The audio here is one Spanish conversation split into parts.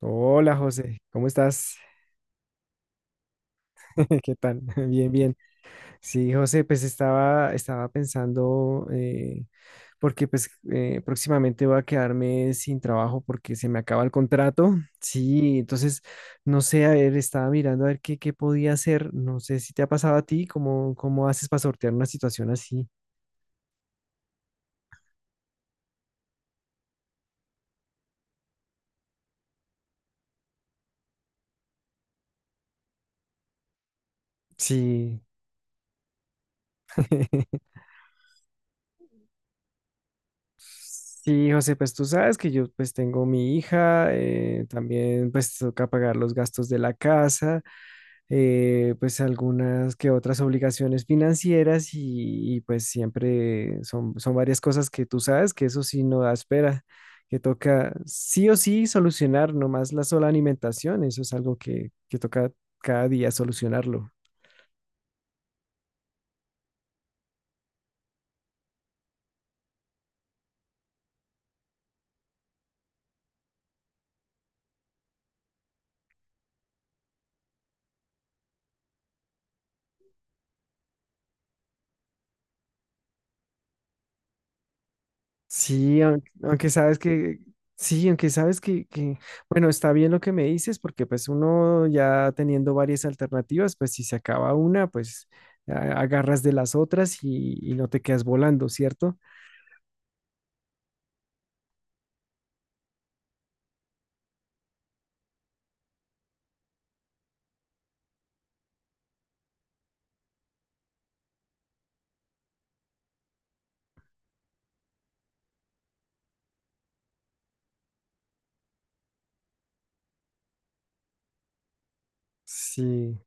Hola José, ¿cómo estás? ¿Qué tal? Bien, bien. Sí, José, pues estaba pensando, porque pues próximamente voy a quedarme sin trabajo porque se me acaba el contrato. Sí, entonces, no sé, a ver, estaba mirando a ver qué podía hacer. No sé si te ha pasado a ti, cómo haces para sortear una situación así. Sí. Sí, José, pues tú sabes que yo pues tengo mi hija, también pues toca pagar los gastos de la casa, pues algunas que otras obligaciones financieras y pues siempre son, son varias cosas que tú sabes que eso sí no da espera, que toca sí o sí solucionar, no más la sola alimentación, eso es algo que toca cada día solucionarlo. Sí, aunque, sabes que, sí, aunque sabes que, bueno, está bien lo que me dices, porque pues uno ya teniendo varias alternativas, pues si se acaba una, pues agarras de las otras y no te quedas volando, ¿cierto? Sí,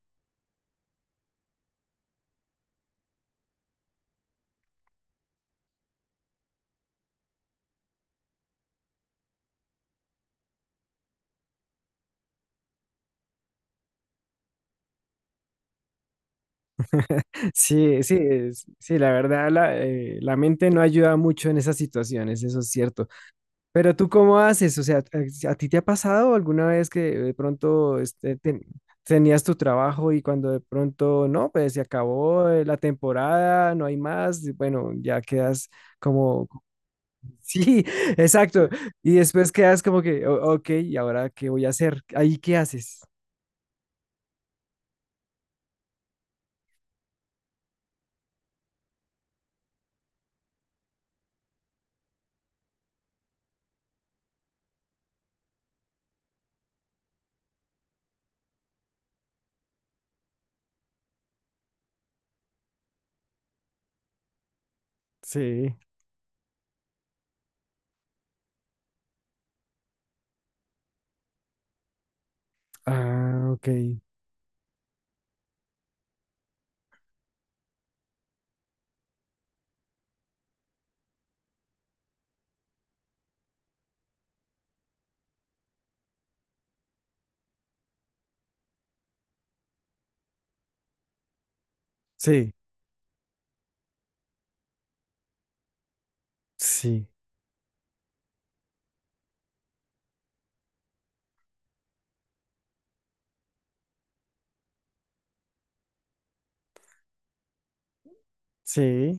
sí, sí, sí, la verdad, la mente no ayuda mucho en esas situaciones, eso es cierto. Pero tú cómo haces, o sea, a ti te ha pasado alguna vez que de pronto este, tenías tu trabajo y cuando de pronto, no, pues se acabó la temporada, no hay más, y bueno, ya quedas como, sí, exacto, y después quedas como que, ok, ¿y ahora qué voy a hacer? ¿Ahí qué haces? Sí. Ah, ok. Sí, sí, sí.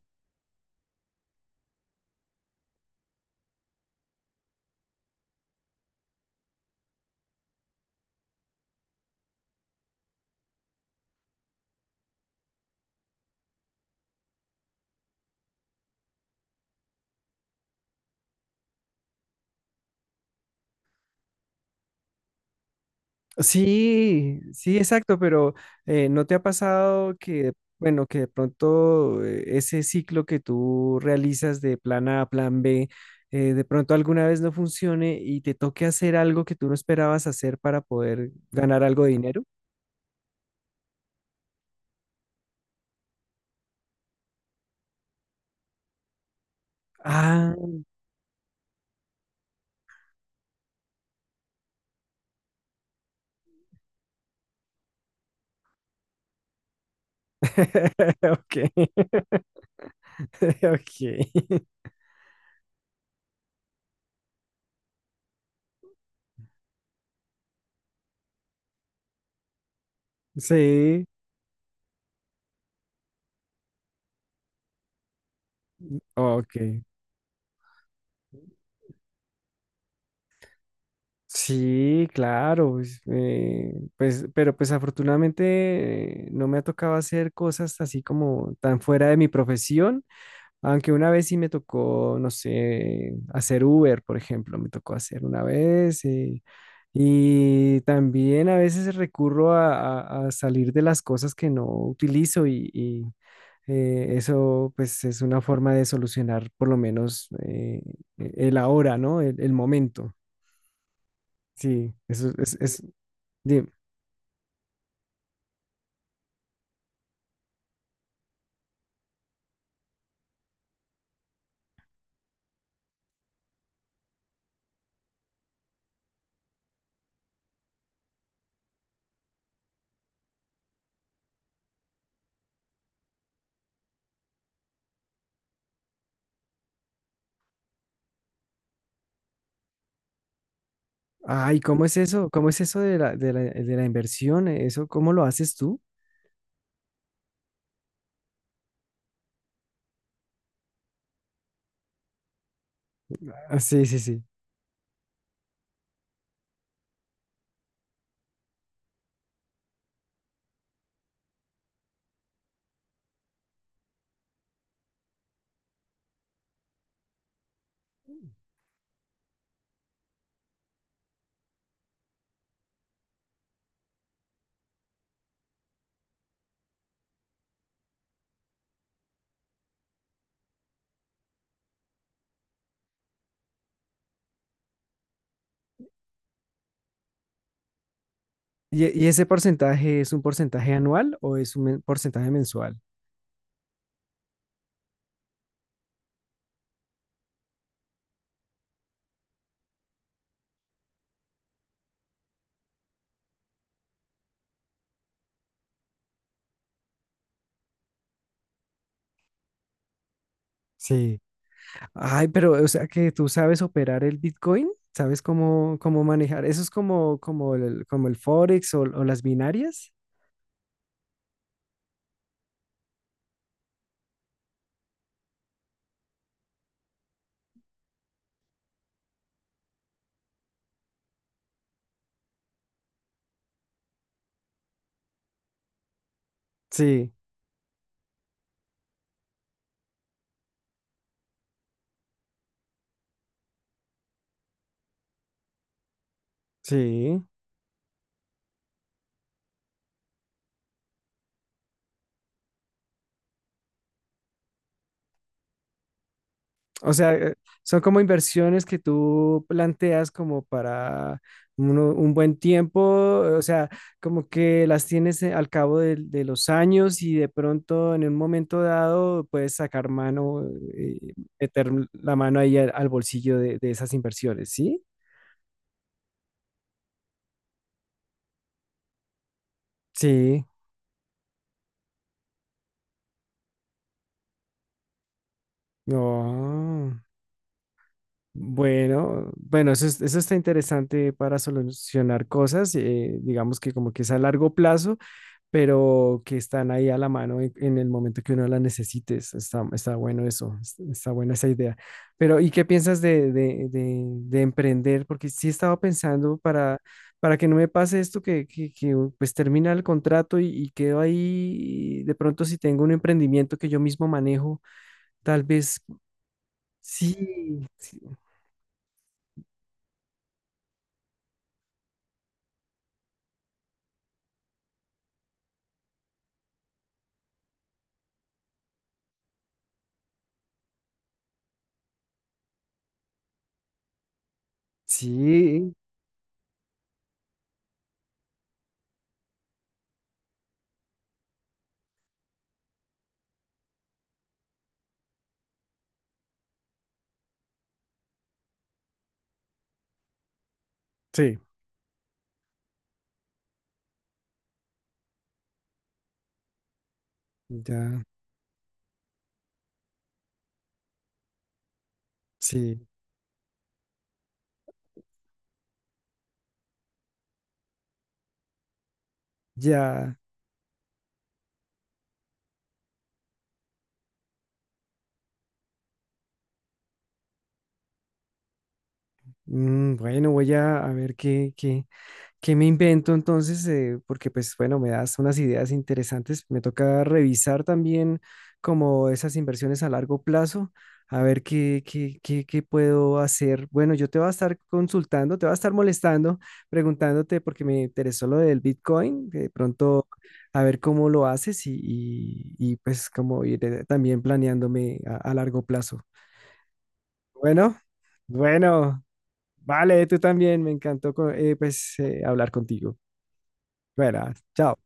Sí, sí, exacto, pero ¿no te ha pasado que, bueno, que de pronto ese ciclo que tú realizas de plan A a plan B, de pronto alguna vez no funcione y te toque hacer algo que tú no esperabas hacer para poder ganar algo de dinero? Ah, ok, ok, sí, ok. Sí, claro, pues, pues, pero pues afortunadamente no me ha tocado hacer cosas así como tan fuera de mi profesión, aunque una vez sí me tocó, no sé, hacer Uber, por ejemplo, me tocó hacer una vez y también a veces recurro a, a salir de las cosas que no utilizo y, eso pues es una forma de solucionar por lo menos el ahora, ¿no? El momento. Sí, eso es, dime, ay, ¿cómo es eso? ¿Cómo es eso de la inversión? ¿Eso cómo lo haces tú? Ah, sí, sí, sí. Y ese porcentaje es un porcentaje anual o es un porcentaje mensual? Sí. Ay, pero, o sea, que tú sabes operar el Bitcoin, ¿sabes cómo, cómo manejar? ¿Eso es como, como el Forex o las binarias? Sí, sí. O sea, son como inversiones que tú planteas como para un buen tiempo, o sea, como que las tienes al cabo de los años y de pronto en un momento dado puedes sacar mano, eh, meter la mano ahí al, al bolsillo de esas inversiones, ¿sí? Sí. No. Bueno, bueno, eso, eso está interesante para solucionar cosas, digamos que como que es a largo plazo pero que están ahí a la mano en el momento que uno la necesites. Está, está bueno eso, está buena esa idea. Pero, ¿y qué piensas de, de emprender? Porque sí estaba pensando para que no me pase esto, que, pues termina el contrato y quedo ahí. De pronto, si tengo un emprendimiento que yo mismo manejo, tal vez sí, sí, sí, sí, ya, sí, ya. Mm, bueno, voy a ver qué, qué ¿Qué me invento entonces? Porque pues bueno, me das unas ideas interesantes. Me toca revisar también como esas inversiones a largo plazo, a ver qué, qué, qué, qué puedo hacer. Bueno, yo te voy a estar consultando, te voy a estar molestando, preguntándote porque me interesó lo del Bitcoin, que de pronto a ver cómo lo haces y, y, pues como ir también planeándome a largo plazo. Bueno, bueno, vale, tú también, me encantó pues hablar contigo. Buenas, chao.